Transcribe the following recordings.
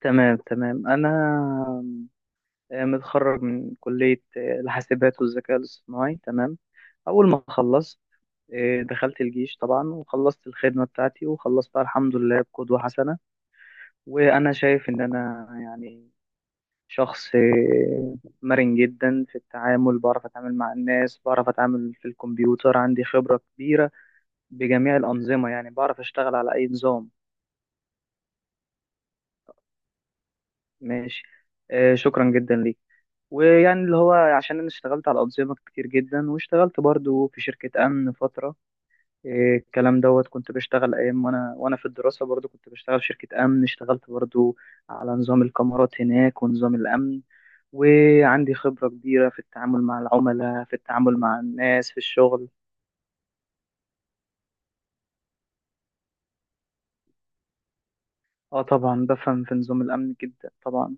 تمام تمام أنا متخرج من كلية الحاسبات والذكاء الاصطناعي. تمام، أول ما خلصت دخلت الجيش طبعا وخلصت الخدمة بتاعتي وخلصتها الحمد لله بقدوة حسنة. وأنا شايف إن أنا يعني شخص مرن جدا في التعامل، بعرف أتعامل مع الناس، بعرف أتعامل في الكمبيوتر، عندي خبرة كبيرة بجميع الأنظمة، يعني بعرف أشتغل على أي نظام. ماشي، شكرا جدا ليك. ويعني اللي هو عشان انا اشتغلت على انظمه كتير جدا، واشتغلت برضو في شركه امن فتره، إيه الكلام دوت، كنت بشتغل ايام وانا في الدراسه، برضو كنت بشتغل في شركه امن، اشتغلت برضو على نظام الكاميرات هناك ونظام الامن. وعندي خبره كبيره في التعامل مع العملاء، في التعامل مع الناس في الشغل. اه طبعا بفهم في نظام الامن جدا طبعا.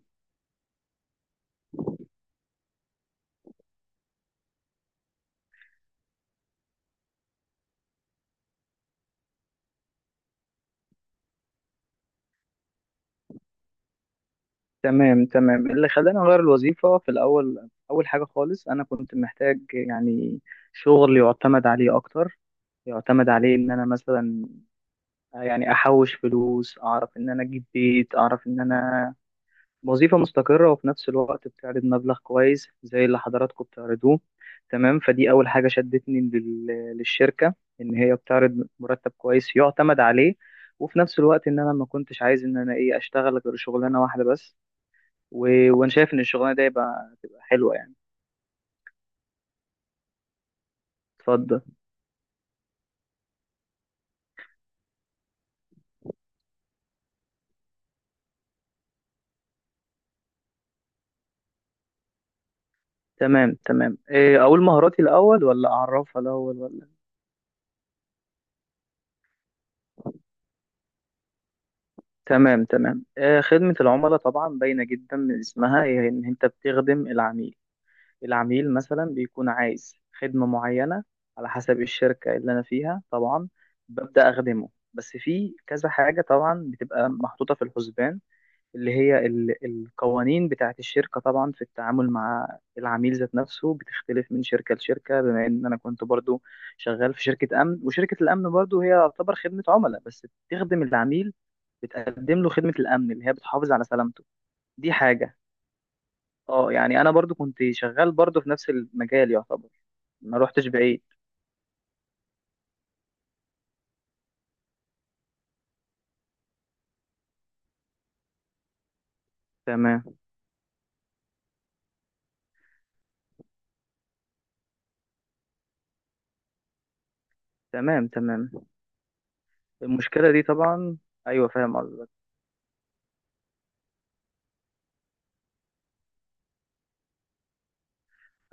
تمام تمام، اللي خلاني اغير الوظيفه في الاول، اول حاجه خالص انا كنت محتاج يعني شغل يعتمد عليه اكتر، يعتمد عليه ان انا مثلا يعني احوش فلوس، اعرف ان انا اجيب بيت، اعرف ان انا وظيفة مستقرة، وفي نفس الوقت بتعرض مبلغ كويس زي اللي حضراتكم بتعرضوه. تمام، فدي اول حاجة شدتني للشركة، ان هي بتعرض مرتب كويس يعتمد عليه. وفي نفس الوقت ان انا ما كنتش عايز ان انا ايه اشتغل غير شغلانة واحدة بس و... وانا شايف ان الشغلانة دي يبقى تبقى حلوة يعني. اتفضل. تمام تمام، إيه اقول مهاراتي الاول ولا اعرفها الاول ولا؟ تمام تمام، خدمة العملاء طبعا باينة جدا من اسمها، هي إن أنت بتخدم العميل. العميل مثلا بيكون عايز خدمة معينة على حسب الشركة اللي أنا فيها طبعا، ببدأ أخدمه، بس في كذا حاجة طبعا بتبقى محطوطة في الحسبان، اللي هي القوانين بتاعت الشركة طبعا في التعامل مع العميل. ذات نفسه بتختلف من شركة لشركة. بما إن أنا كنت برضو شغال في شركة أمن، وشركة الأمن برضو هي تعتبر خدمة عملاء، بس بتخدم العميل، بتقدم له خدمة الأمن اللي هي بتحافظ على سلامته. دي حاجة. اه يعني أنا برضو كنت شغال برضو في نفس المجال يعتبر، ما روحتش بعيد. تمام تمام. تمام، المشكلة دي طبعا، أيوة فاهم قصدك.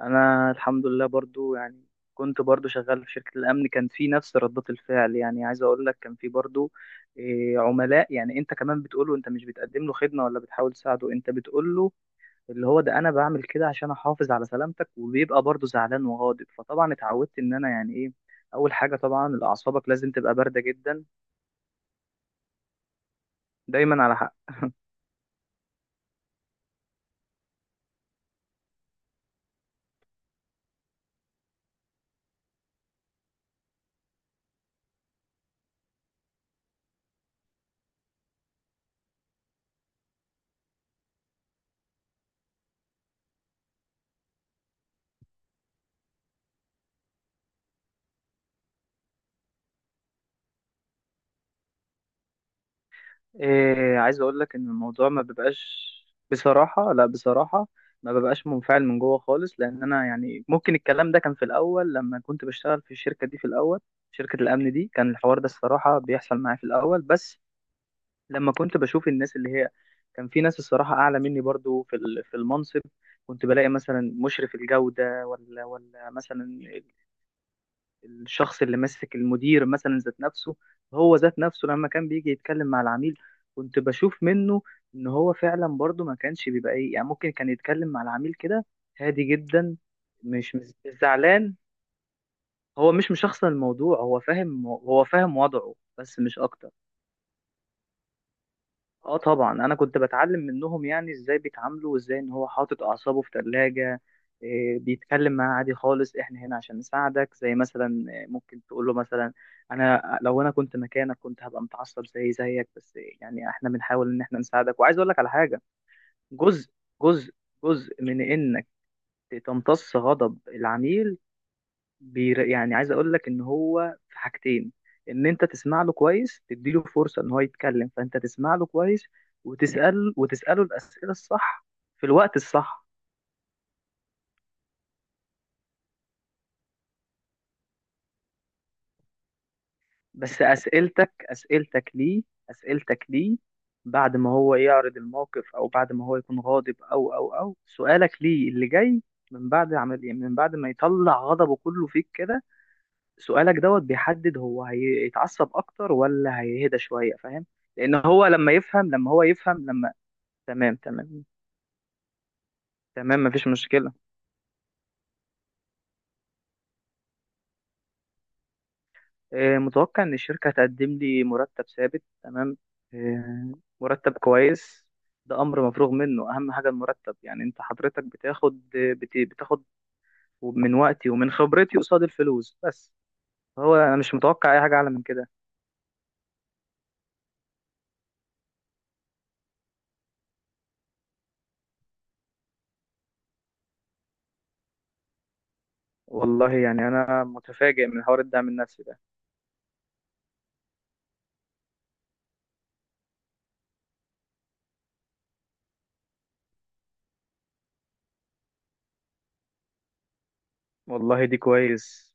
انا الحمد لله برضو يعني كنت برضو شغال في شركة الامن، كان في نفس ردات الفعل، يعني عايز اقول لك كان في برضو عملاء يعني انت كمان بتقوله انت مش بتقدم له خدمة ولا بتحاول تساعده، انت بتقوله اللي هو ده انا بعمل كده عشان احافظ على سلامتك، وبيبقى برضو زعلان وغاضب. فطبعا اتعودت ان انا يعني ايه، اول حاجة طبعا اعصابك لازم تبقى باردة جدا دايما. على إيه عايز اقول لك ان الموضوع ما بيبقاش، بصراحة لا، بصراحة ما ببقاش منفعل من جوه خالص، لان انا يعني ممكن الكلام ده كان في الاول لما كنت بشتغل في الشركة دي في الاول، شركة الامن دي، كان الحوار ده الصراحة بيحصل معايا في الاول بس. لما كنت بشوف الناس اللي هي كان في ناس الصراحة اعلى مني برضو في في المنصب، كنت بلاقي مثلا مشرف الجودة ولا ولا مثلا الشخص اللي ماسك المدير مثلا ذات نفسه، هو ذات نفسه لما كان بيجي يتكلم مع العميل كنت بشوف منه ان هو فعلا برضه ما كانش بيبقى ايه يعني، ممكن كان يتكلم مع العميل كده هادي جدا. مش زعلان، هو مش مشخصن الموضوع، هو فاهم، هو فاهم وضعه بس، مش اكتر. اه طبعا انا كنت بتعلم منهم يعني ازاي بيتعاملوا، وازاي ان هو حاطط اعصابه في ثلاجة، بيتكلم معاه عادي خالص، احنا هنا عشان نساعدك، زي مثلا ممكن تقول له مثلا انا لو انا كنت مكانك كنت هبقى متعصب زي زيك، بس يعني احنا بنحاول ان احنا نساعدك. وعايز اقول لك على حاجة، جزء جزء جزء من انك تمتص غضب العميل، يعني عايز اقول لك ان هو في حاجتين، ان انت تسمع له كويس، تديله فرصة ان هو يتكلم فانت تسمع له كويس، وتسأل وتسأله الأسئلة الصح في الوقت الصح. بس أسئلتك ليه بعد ما هو يعرض الموقف، او بعد ما هو يكون غاضب، او او او سؤالك ليه اللي جاي من بعد عمل، يعني من بعد ما يطلع غضبه كله فيك كده، سؤالك دوت بيحدد هو هيتعصب اكتر ولا هيهدى شويه، فاهم؟ لان هو لما يفهم لما هو يفهم لما. تمام تمام. تمام مفيش مشكله. متوقع ان الشركه هتقدم لي مرتب ثابت. تمام، آه، مرتب كويس. ده امر مفروغ منه، اهم حاجه المرتب، يعني انت حضرتك بتاخد بتاخد من وقتي ومن خبرتي قصاد الفلوس بس. هو انا مش متوقع اي حاجه اعلى من كده. والله يعني انا متفاجئ من حوار الدعم النفسي ده. والله دي كويس.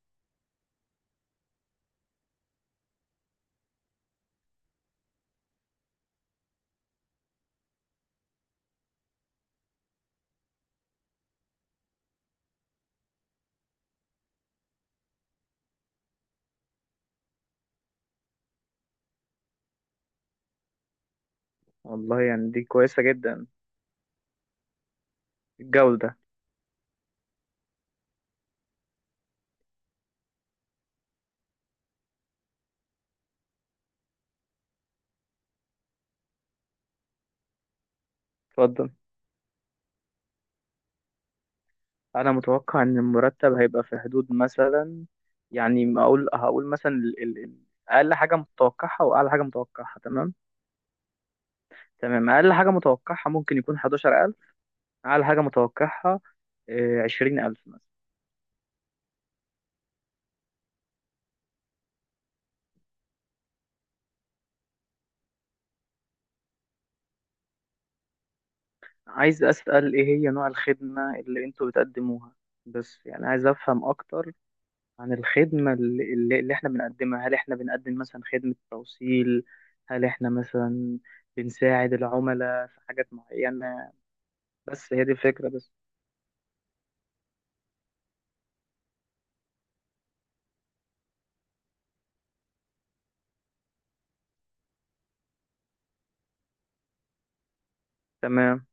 والله يعني دي كويسة جدا، الجودة. اتفضل، أنا متوقع إن المرتب هيبقى في حدود مثلا، يعني أقول هقول مثلا ال ال ال أقل حاجة متوقعها وأعلى حاجة متوقعها. تمام، تمام، أقل حاجة متوقعها ممكن يكون 11,000، أعلى حاجة متوقعها 20,000 مثلا. عايز أسأل إيه هي نوع الخدمة اللي أنتوا بتقدموها، بس يعني عايز أفهم أكتر عن الخدمة اللي احنا بنقدمها. هل احنا بنقدم مثلا خدمة توصيل؟ هل احنا مثلا بنساعد العملاء في حاجات معينة؟ بس هي دي الفكرة بس. تمام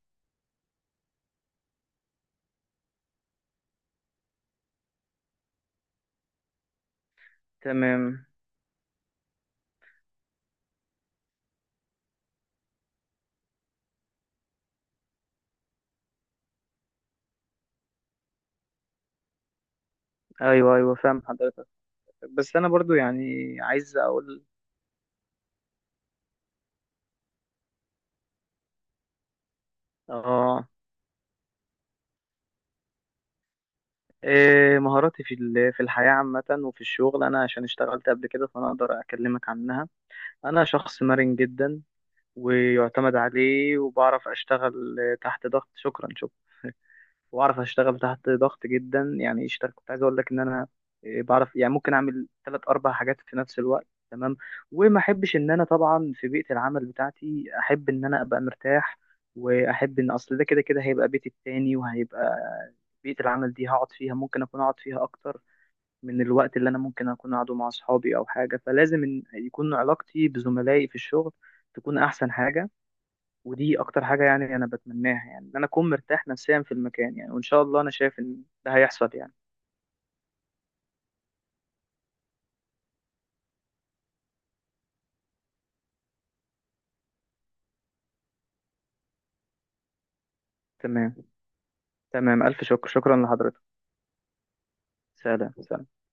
تمام. ايوه ايوه فاهم حضرتك، بس انا برضو يعني عايز اقول اه، إيه مهاراتي في في الحياة عامة وفي الشغل. أنا عشان اشتغلت قبل كده فأنا أقدر أكلمك عنها. أنا شخص مرن جدا ويعتمد عليه وبعرف أشتغل تحت ضغط. شكرا شكرا. واعرف اشتغل تحت ضغط جدا يعني اشتغل، كنت عايز اقول لك ان انا بعرف يعني ممكن اعمل ثلاث اربع حاجات في نفس الوقت. تمام، وما احبش ان انا طبعا في بيئة العمل بتاعتي، احب ان انا ابقى مرتاح، واحب ان اصل ده كده كده هيبقى بيتي التاني، وهيبقى بيئة العمل دي هقعد فيها، ممكن اكون اقعد فيها اكتر من الوقت اللي انا ممكن اكون قاعده مع اصحابي او حاجة. فلازم إن يكون علاقتي بزملائي في الشغل تكون احسن حاجة. ودي اكتر حاجه يعني انا بتمناها، يعني ان انا اكون مرتاح نفسيا في المكان، يعني وان شاء الله انا شايف ان ده هيحصل يعني. تمام تمام، الف شكر، شكرا لحضرتك. سلام سلام.